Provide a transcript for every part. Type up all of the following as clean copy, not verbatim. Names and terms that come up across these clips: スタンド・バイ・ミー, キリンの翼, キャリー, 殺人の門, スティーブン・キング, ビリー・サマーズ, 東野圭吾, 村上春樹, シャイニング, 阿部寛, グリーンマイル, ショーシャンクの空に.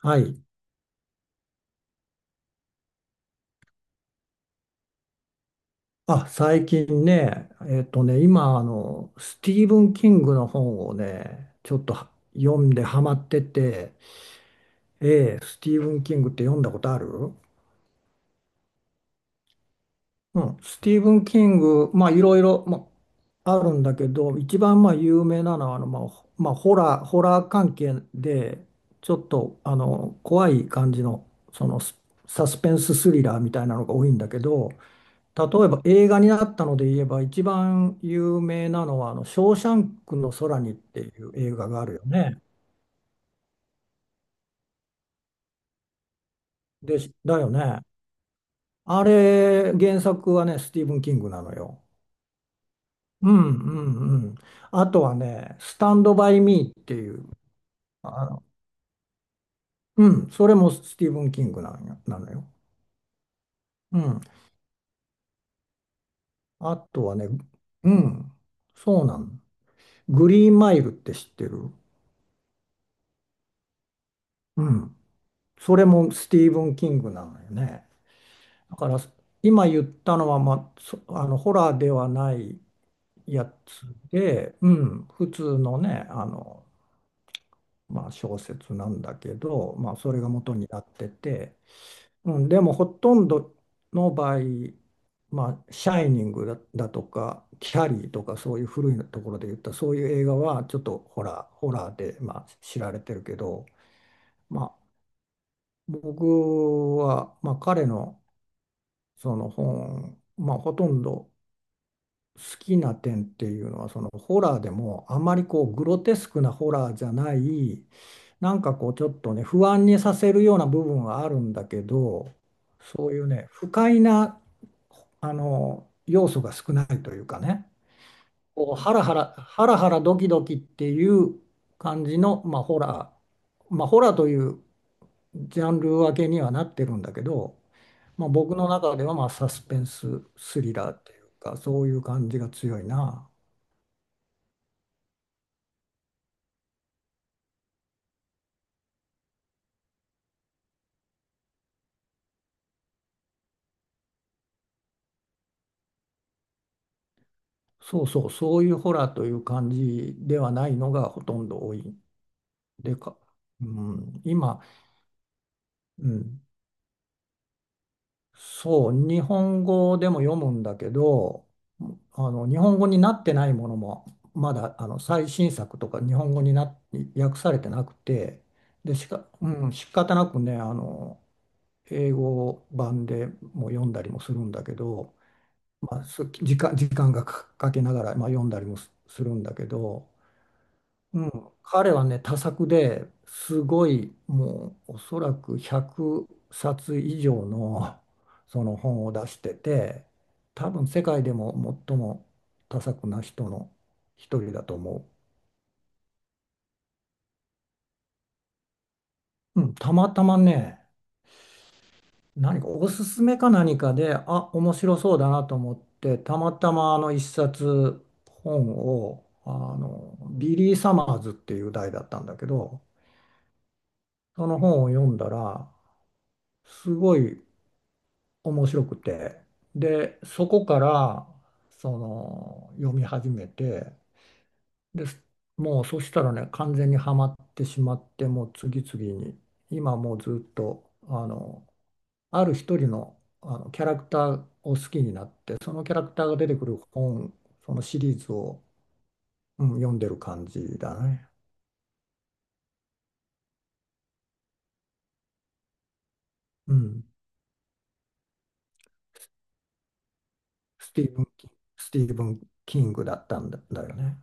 はい。最近ね、今、スティーブン・キングの本をね、ちょっとは読んでハマってて、スティーブン・キングって読んだことある？うん、スティーブン・キング、まあ、いろいろ、まあ、あるんだけど、一番、まあ、有名なのは、まあ、ホラー関係で、ちょっと、怖い感じの、その、スサスペンススリラーみたいなのが多いんだけど、例えば映画になったので言えば、一番有名なのは、ショーシャンクの空にっていう映画があるよね。だよね。あれ、原作はね、スティーブン・キングなのよ。うんうんうん。あとはね、スタンド・バイ・ミーっていう、あの、うん、それもスティーブン・キングなのよ。うん。あとはね、うん、そうなの。グリーンマイルって知ってる？うん。それもスティーブン・キングなのよね。だから今言ったのは、まあ、あのホラーではないやつで、うん、普通のね、まあ、小説なんだけど、まあ、それが元になってて、うん、でもほとんどの場合、まあ、シャイニングだ、だとか、キャリーとか、そういう古いところで言った、そういう映画はちょっとホラーで、まあ、知られてるけど、まあ、僕は、まあ、彼のその本、まあ、ほとんど、好きな点っていうのはそのホラーでもあまりこうグロテスクなホラーじゃない。なんかこうちょっとね不安にさせるような部分はあるんだけど、そういうね不快なあの要素が少ないというかね、こうハラハラドキドキっていう感じの、まあ、ホラー、まあ、ホラーというジャンル分けにはなってるんだけど、まあ、僕の中ではまあサスペンススリラーっていうかそういう感じが強いな。そうそう、そういうホラーという感じではないのがほとんど多い。でか、うん、今、うん、そう、日本語でも読むんだけど、あの日本語になってないものも、まだあの最新作とか日本語にな訳されてなくて、で、しか、うん、仕方なくね、英語版でも読んだりもするんだけど、まあ、す時間、時間がけながら、まあ、読んだりもするんだけど、うん、彼はね、多作ですごい、もうおそらく100冊以上のその本を出してて、多分世界でも最も多作な人の一人だと思う。うん、たまたまね、何かおすすめか何かで、あ、面白そうだなと思って、たまたまあの一冊本を、ビリー・サマーズっていう題だったんだけど、その本を読んだら、すごい面白くて、でそこからその読み始めて、で、もうそしたらね完全にはまってしまって、もう次々に今もうずっとあのある一人の、あのキャラクターを好きになって、そのキャラクターが出てくる本、そのシリーズを、うん、読んでる感じだね。うん、スティーブン・キンスティーブン・キングだったんだ、だよね。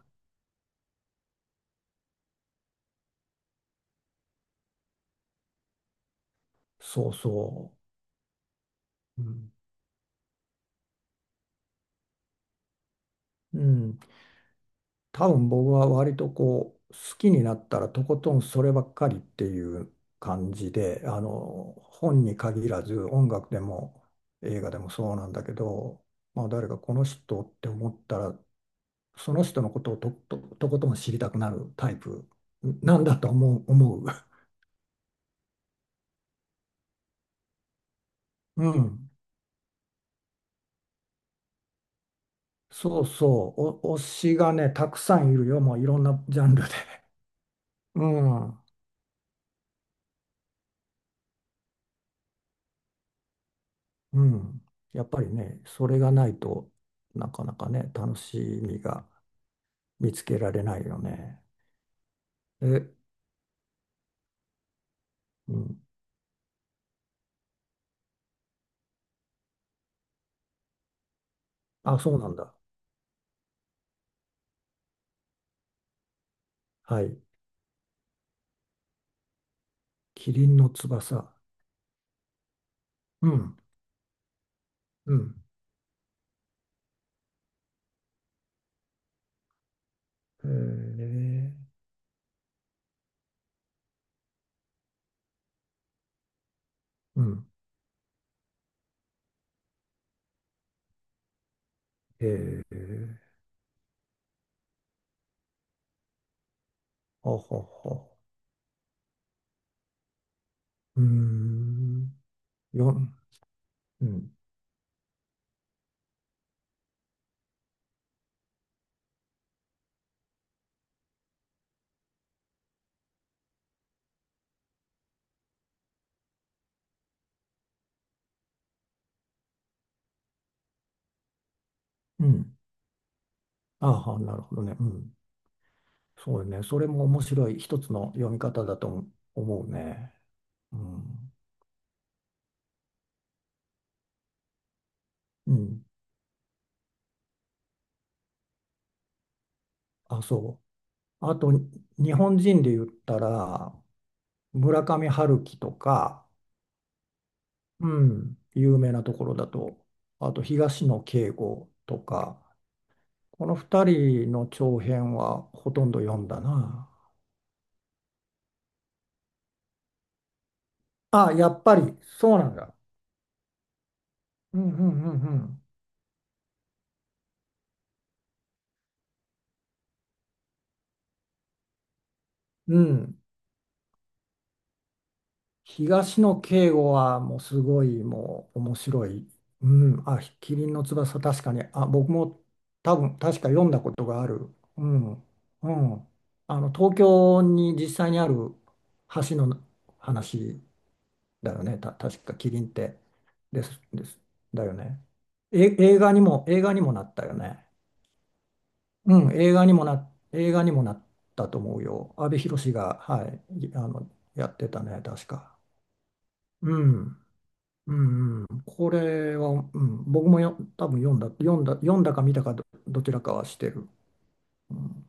そうそう。うん、うん、多分僕は割とこう好きになったらとことんそればっかりっていう感じで、あの本に限らず音楽でも映画でもそうなんだけど、まあ、誰かこの人って思ったらその人のことをとことん知りたくなるタイプなんだと思う、思う。うん、そうそう、お推しがねたくさんいるよ、もういろんなジャンルで。うんうん。やっぱりね、それがないとなかなかね、楽しみが見つけられないよね。え、うん。あ、そうなんだ。はい。キリンの翼。うん。うん。へえ。うん。へえ。あはは。うーん。よ、うん。うん。あは、なるほどね。うん。そうね。それも面白い一つの読み方だと思うね。うん。うん。あ、そう。あと、日本人で言ったら、村上春樹とか、うん、有名なところだと、あと東野圭吾とか、この2人の長編はほとんど読んだな。あ、やっぱり、そうなんだ。うんうんうんうん。うん、東野圭吾はもうすごい、もう面白い。うん、あ、キリンの翼確かに、あ、僕も多分確か読んだことがある。うん、うん。あの東京に実際にある橋の話だよね。た、確かキリンってです。だよね。え、映画にもなったよね。うん、映画にもなったと思うよ。阿部寛が、はい、あの、やってたね、確か。うん。うんうん、これは、うん、僕もよ多分読んだか見たかどちらかはしてる。うん、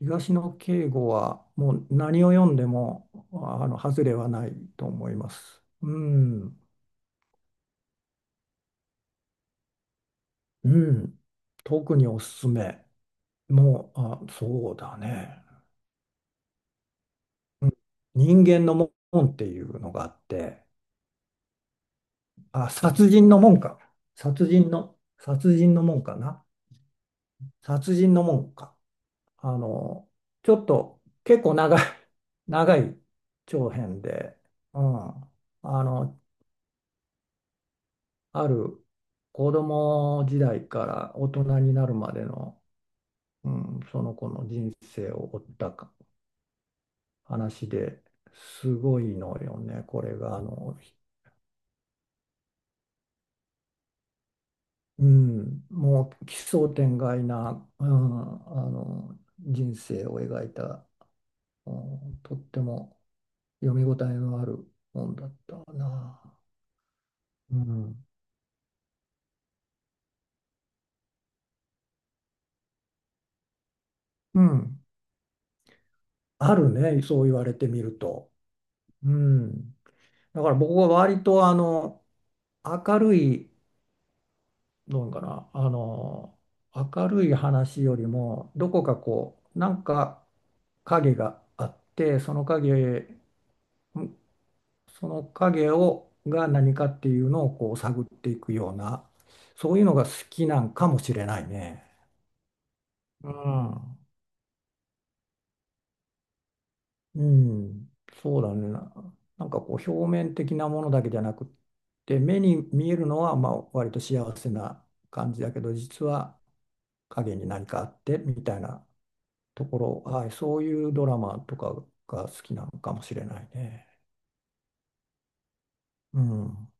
東野圭吾はもう何を読んでもあの外れはないと思います。うん、うん、特におすすめ。もう、あ、そうだね。うん、人間の門っていうのがあって、あ、殺人の門か。殺人の門かな。殺人の門か。あの、ちょっと結構長い、長い長編で、うん、の、ある子供時代から大人になるまでの、うん、その子の人生を追ったか話で、すごいのよね、これが。うん、もう奇想天外な、うん、あの人生を描いた、うん、とっても読み応えのある本だったな。うんうん、あるね、そう言われてみると。うん、だから僕は割とあの明るいのかな、あの明るい話よりもどこかこうなんか影があって、その影、うん、その影をが何かっていうのをこう探っていくようなそういうのが好きなんかもしれないね。うんうん、そうだね。なんかこう表面的なものだけじゃなくって、目に見えるのはまあ割と幸せな感じだけど、実は影に何かあってみたいなところ、はい、そういうドラマとかが好きなのかもしれないね。うん。